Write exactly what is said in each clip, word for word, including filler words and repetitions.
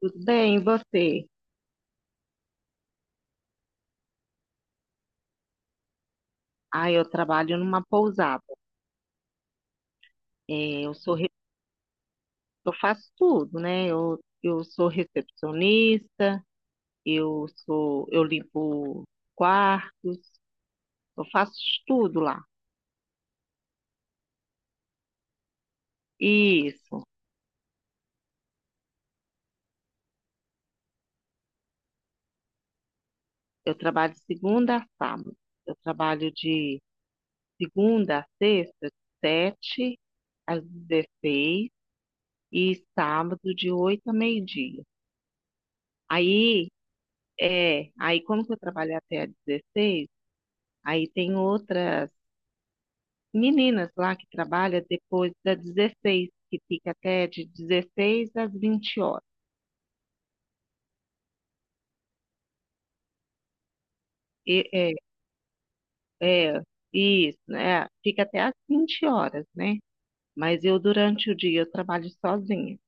Tudo bem, e você? Ah, eu trabalho numa pousada. É, eu sou, re- eu faço tudo, né? Eu, eu sou recepcionista, eu sou, eu limpo quartos, eu faço de tudo lá. Isso. Eu trabalho de segunda a sábado. Eu trabalho de segunda a sexta, de sete às dezesseis e sábado de oito a meio-dia. Aí, é, aí como que eu trabalho até às dezesseis, aí tem outras meninas lá que trabalham depois das dezesseis que fica até de dezesseis às vinte horas. E- é, é, isso, né? Fica até às vinte horas, né? Mas eu, durante o dia, eu trabalho sozinha.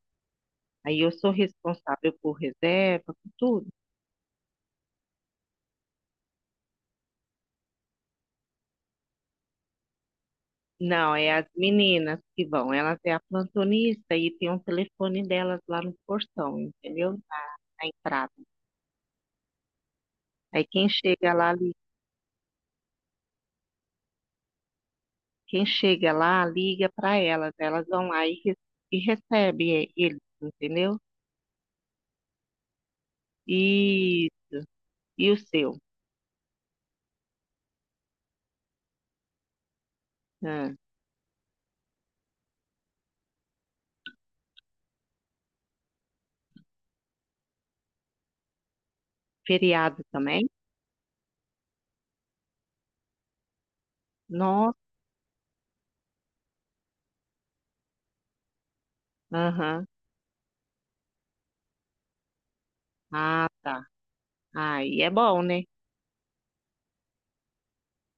Aí eu sou responsável por reserva, por tudo. Não, é as meninas que vão. Elas é a plantonista e tem um telefone delas lá no portão, entendeu? Na, na entrada. Aí quem chega lá Quem chega lá liga para elas, elas vão lá e, re- e recebem eles, entendeu? E, e o seu? Ah, feriado também? Nossa. Aham. Ah, tá. Aí é bom, né?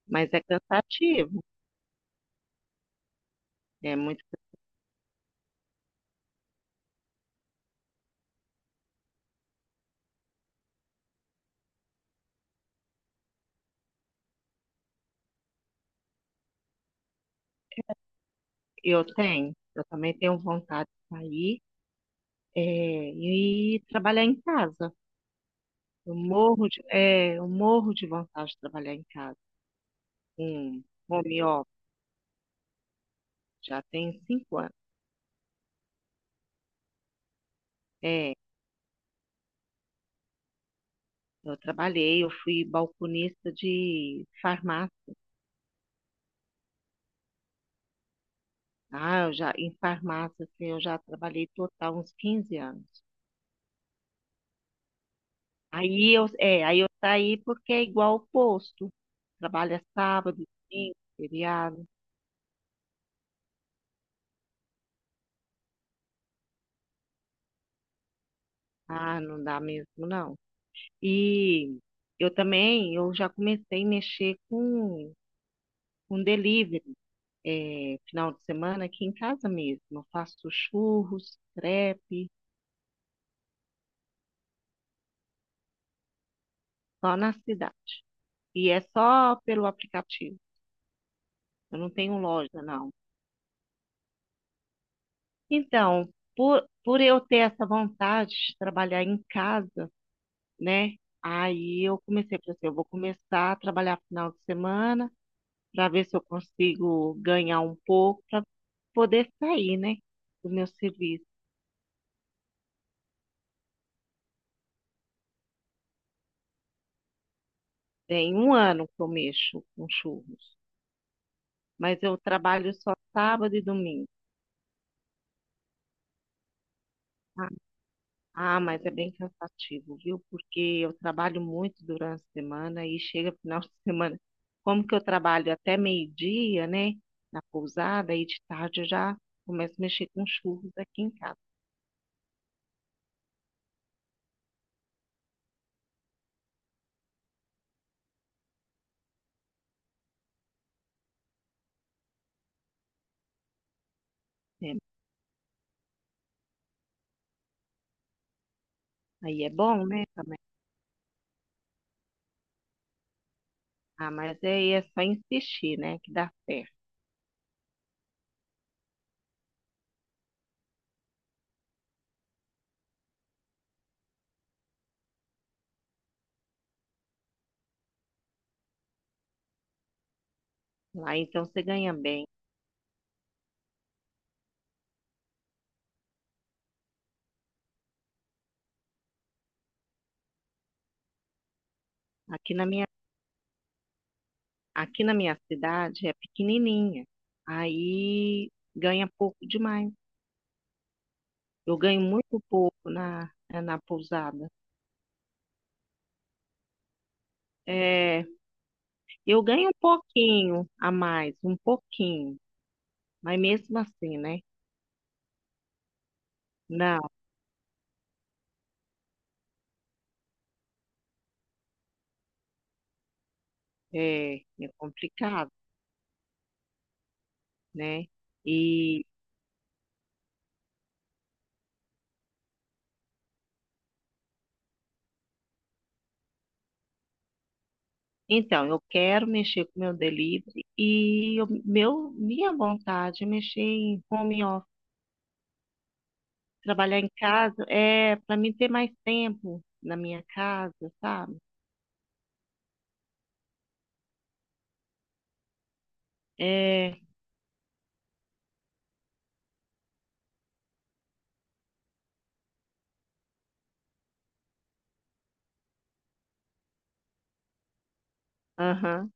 Mas é cansativo. É muito. Eu tenho, eu também tenho vontade de sair, é, e trabalhar em casa. Eu morro de, é, eu morro de vontade de trabalhar em casa. Um home office já tem cinco anos. É. Eu trabalhei, eu fui balconista de farmácia. Ah, eu já, em farmácia, assim, eu já trabalhei total uns quinze anos. Aí eu, é, aí eu saí porque é igual o posto. Trabalha sábado, domingo, feriado. Ah, não dá mesmo, não. E eu também, eu já comecei a mexer com, com delivery. É, final de semana aqui em casa mesmo. Eu faço churros, crepe, só na cidade. E é só pelo aplicativo. Eu não tenho loja, não. Então, por, por eu ter essa vontade de trabalhar em casa, né? Aí eu comecei, falei assim, eu vou começar a trabalhar final de semana para ver se eu consigo ganhar um pouco para poder sair, né? Do meu serviço. Tem um ano que eu mexo com churros, mas eu trabalho só sábado e domingo. Tá? Ah, mas é bem cansativo, viu? Porque eu trabalho muito durante a semana e chega final de semana. Como que eu trabalho até meio-dia, né? Na pousada, aí de tarde eu já começo a mexer com churros aqui em casa. Né? Aí é bom, né? Também. Ah, mas aí é só insistir, né? Que dá certo. Lá então você ganha bem. Aqui na minha, aqui na minha cidade é pequenininha. Aí ganha pouco demais. Eu ganho muito pouco na, na pousada. É, eu ganho um pouquinho a mais, um pouquinho, mas mesmo assim, né? Não, é, é complicado, né? E então, eu quero mexer com meu delivery e eu- meu, minha vontade é mexer em home office, trabalhar em casa, é para mim ter mais tempo na minha casa, sabe? É, aham,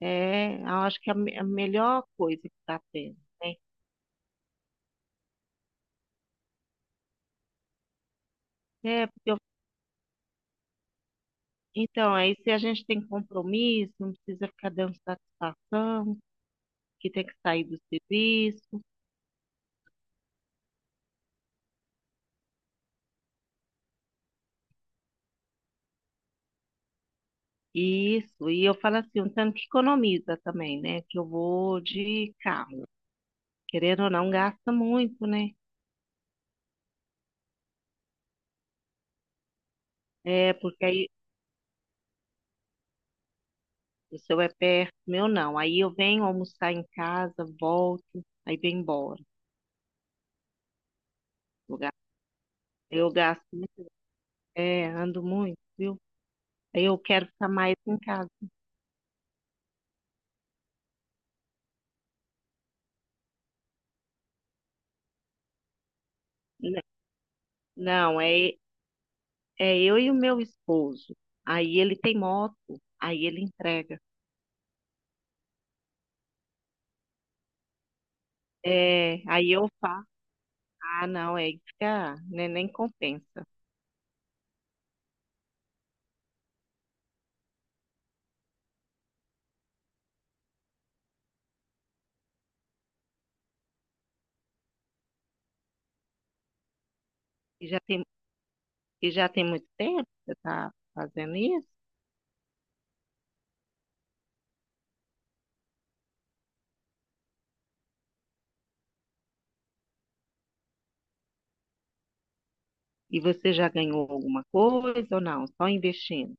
é, eu acho que é a, me- a melhor coisa que está tendo, né? É, porque eu Então, aí se a gente tem compromisso, não precisa ficar dando satisfação, que tem que sair do serviço, isso. E eu falo assim, um tanto que economiza também, né? Que eu vou de carro. Querendo ou não, gasta muito, né? É, porque aí o seu é perto, o meu não. Aí eu venho almoçar em casa, volto, aí venho embora. Eu gasto, eu gasto muito, é, ando muito, viu? Aí eu quero ficar mais em casa. N- Não, é, é eu e o meu esposo. Aí ele tem moto, aí ele entrega. É, aí eu falo, ah, não, é fica, né, nem compensa. E já tem, e já tem muito tempo que você está fazendo isso? E você já ganhou alguma coisa ou não? Só investindo.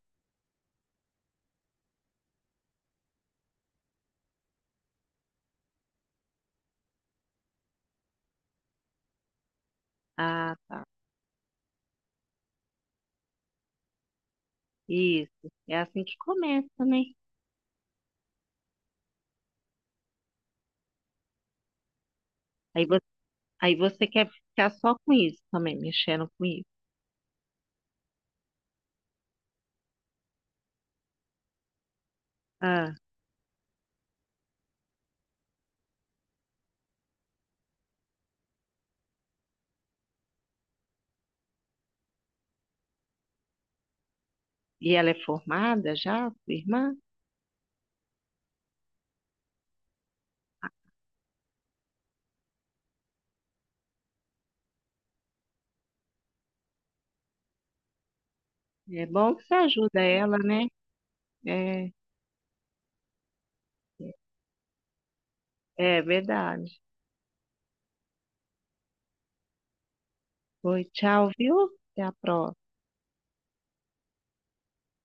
Ah, tá. Isso. É assim que começa, né? Aí você, aí você quer ficar só com isso também, mexendo com isso. Ah, e ela é formada já, sua irmã? É bom que você ajuda ela, né? É. É. É verdade. Oi, tchau, viu? Até a próxima.